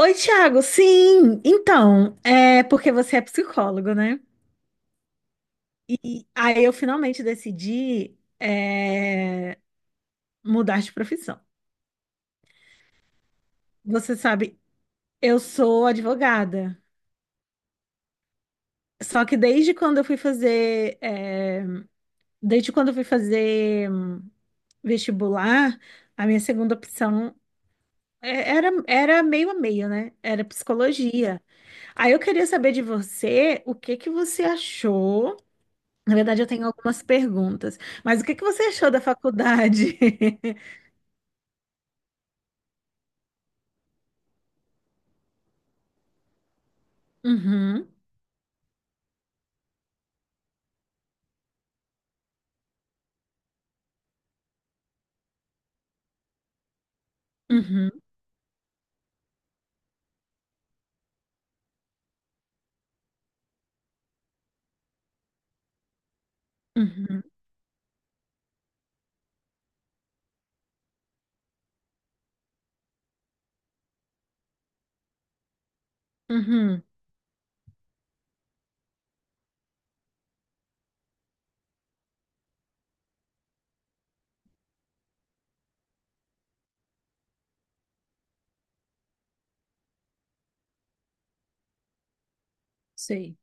Oi, Thiago. Sim, então, é porque você é psicólogo, né? E aí eu finalmente decidi é, mudar de profissão. Você sabe, eu sou advogada. Só que desde quando eu fui fazer vestibular, a minha segunda opção era meio a meio, né? Era psicologia. Aí eu queria saber de você, o que que você achou? Na verdade, eu tenho algumas perguntas. Mas o que que você achou da faculdade? Uhum, uhum, uhum, uhum. Sei.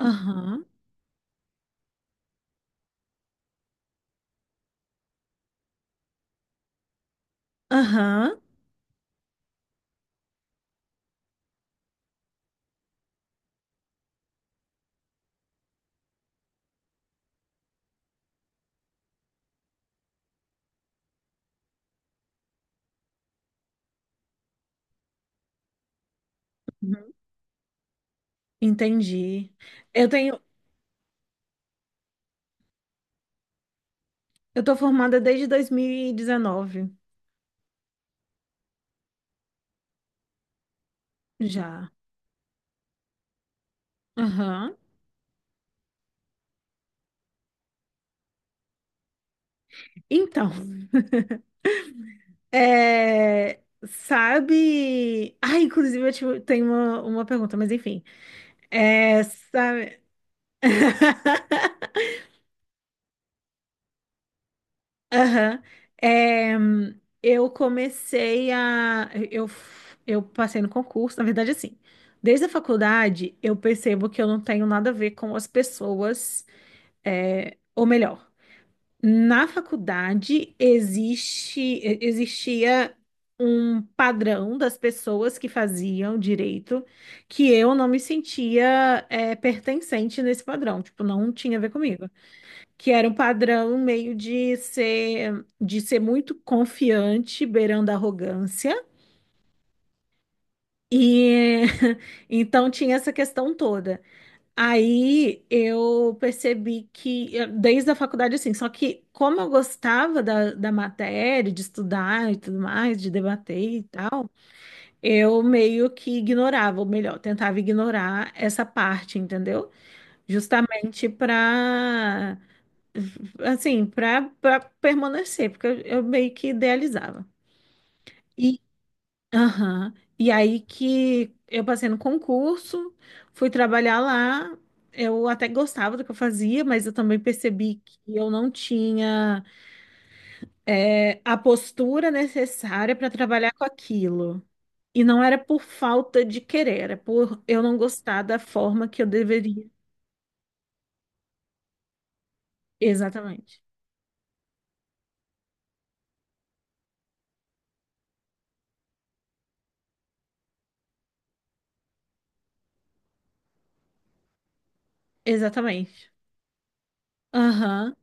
Aham, aham. Uhum. Entendi. Eu tenho, eu tô formada desde 2019 já. Aham. Então, é, sabe? Ah, inclusive eu tenho uma pergunta, mas enfim. É, sabe? Aham. É, eu comecei a. Eu passei no concurso, na verdade, assim. Desde a faculdade, eu percebo que eu não tenho nada a ver com as pessoas, ou melhor, na faculdade existe, existia um padrão das pessoas que faziam direito que eu não me sentia, pertencente nesse padrão, tipo, não tinha a ver comigo, que era um padrão meio de ser muito confiante, beirando a arrogância. E então tinha essa questão toda. Aí eu percebi que, desde a faculdade, assim, só que como eu gostava da matéria, de estudar e tudo mais, de debater e tal, eu meio que ignorava, ou melhor, tentava ignorar essa parte, entendeu? Justamente para assim, para permanecer, porque eu meio que idealizava. E, aham, e aí que eu passei no concurso, fui trabalhar lá. Eu até gostava do que eu fazia, mas eu também percebi que eu não tinha a postura necessária para trabalhar com aquilo. E não era por falta de querer, era por eu não gostar da forma que eu deveria. Exatamente. Exatamente. Aham.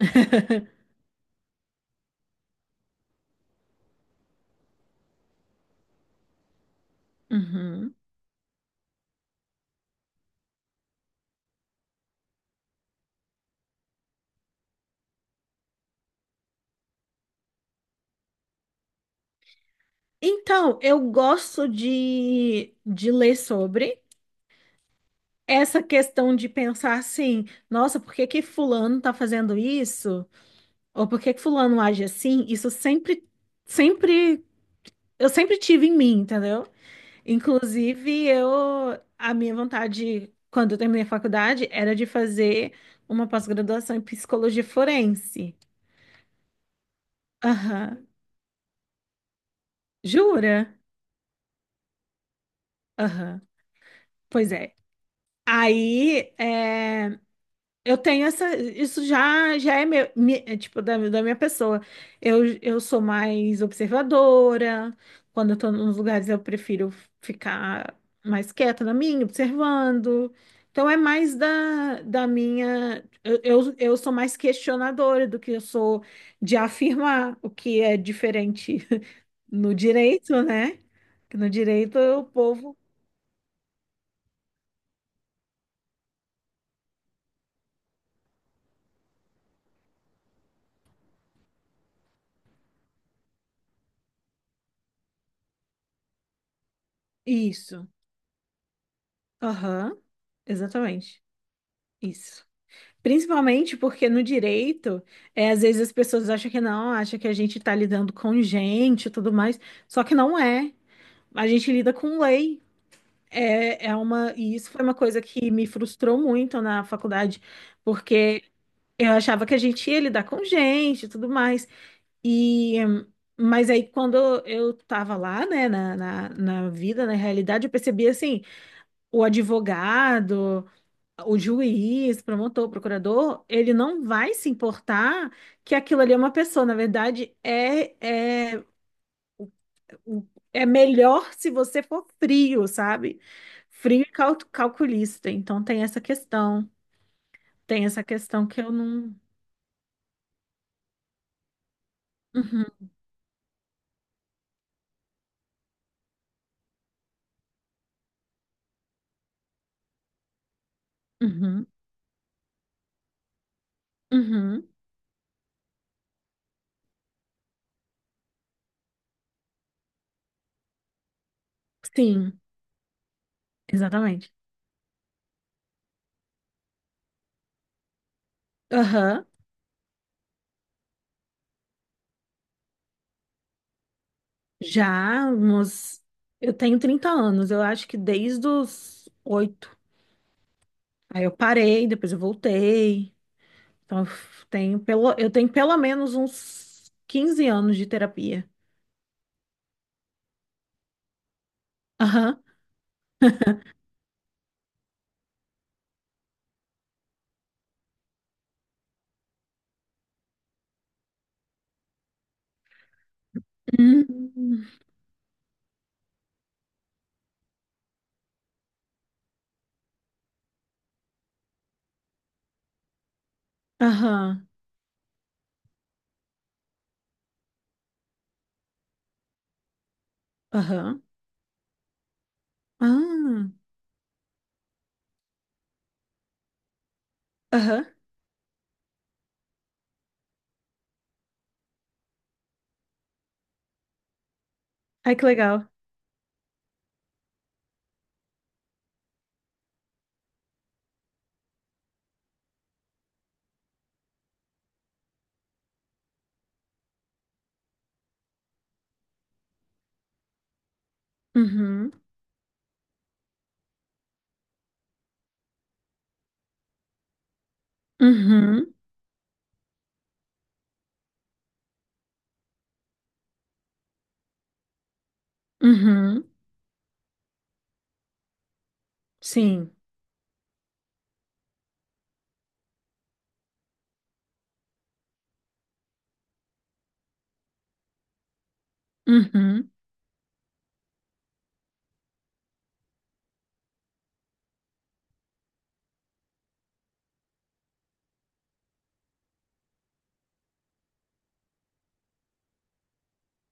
Uhum. Então, eu gosto de ler sobre essa questão de pensar assim, nossa, por que que fulano tá fazendo isso? Ou por que que fulano age assim? Isso sempre, sempre, eu sempre tive em mim, entendeu? Inclusive, a minha vontade, quando eu terminei a faculdade, era de fazer uma pós-graduação em psicologia forense. Aham. Jura? Aham. Pois é. Aí, é. Eu tenho essa, isso já já é meu, tipo da minha pessoa. Eu sou mais observadora. Quando eu tô nos lugares, eu prefiro ficar mais quieta na minha, observando. Então é mais da minha. Eu sou mais questionadora do que eu sou de afirmar, o que é diferente no direito, né? Que no direito o povo. Isso. Aham. Exatamente. Isso. Principalmente porque no direito, às vezes as pessoas acham que não, acham que a gente está lidando com gente e tudo mais, só que não é. A gente lida com lei. E isso foi uma coisa que me frustrou muito na faculdade, porque eu achava que a gente ia lidar com gente e tudo mais. E, mas aí quando eu estava lá, né, na vida, na realidade, eu percebi assim, o advogado, o juiz, promotor, procurador, ele não vai se importar que aquilo ali é uma pessoa. Na verdade, é melhor se você for frio, sabe? Frio e calculista. Então tem essa questão. Tem essa questão que eu não. Uhum, uhum, uhum. Sim, exatamente. Aham. Já uns. Eu tenho 30 anos, eu acho que desde os oito. Aí eu parei, depois eu voltei. Então, eu f- tenho pelo, eu tenho pelo menos uns 15 anos de terapia. Aham. Hum. Aham. Aham. Ah. Aham. Ai, que legal. Uhum. Uhum. Uhum. Sim. Uhum.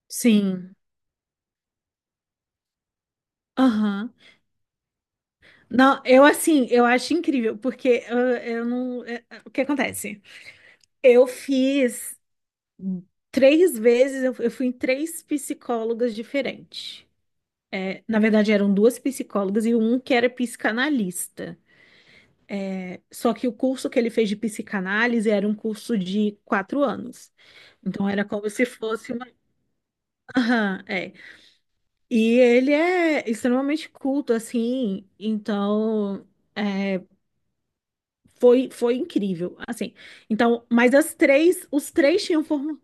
Sim. Aham. Não, eu assim, eu acho incrível, porque eu não. O que acontece? Eu fiz três vezes, eu fui em três psicólogas diferentes. Na verdade, eram duas psicólogas e um que era psicanalista. Só que o curso que ele fez de psicanálise era um curso de 4 anos. Então, era como se fosse uma. Aham, é. E ele é extremamente culto, assim. Então, é, foi incrível. Assim, então, mas as três, os três tinham formação.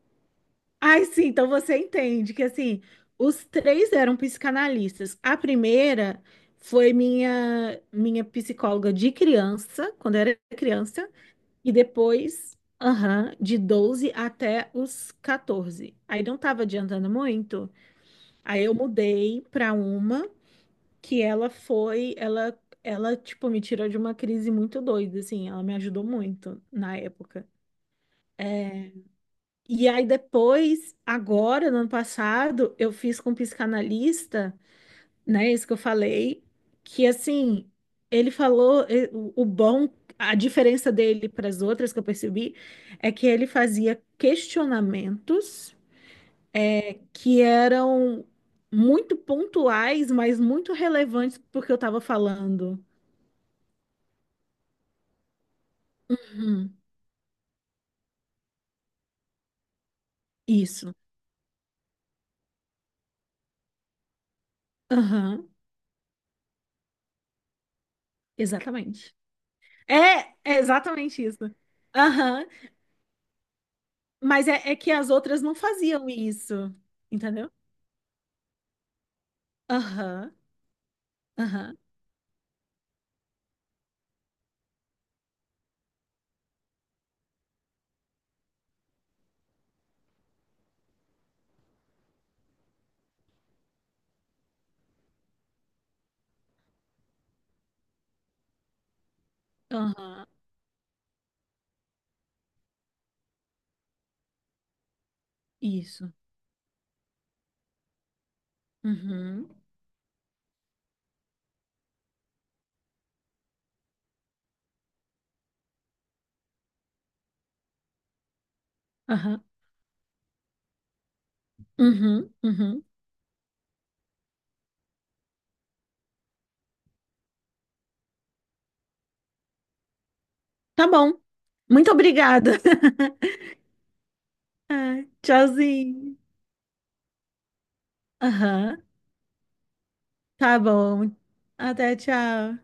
Ai, sim, então você entende que assim, os três eram psicanalistas. A primeira foi minha psicóloga de criança, quando eu era criança, e depois, aham, de 12 até os 14. Aí não tava adiantando muito. Aí eu mudei para uma que ela foi, ela tipo me tirou de uma crise muito doida, assim, ela me ajudou muito na época. E aí depois, agora, no ano passado, eu fiz com um psicanalista, né, isso que eu falei, que assim, ele falou, o bom, a diferença dele para as outras que eu percebi, é que ele fazia questionamentos que eram muito pontuais, mas muito relevantes porque eu estava falando. Uhum. Isso. Aham, exatamente. É, é exatamente isso. Aham. Mas é que as outras não faziam isso, entendeu? Aham, aham, aham, isso. Uhum, aham, uhum, uhum. Tá bom. Muito obrigada. Ai, tchauzinho. Aham, tá bom. Até tchau.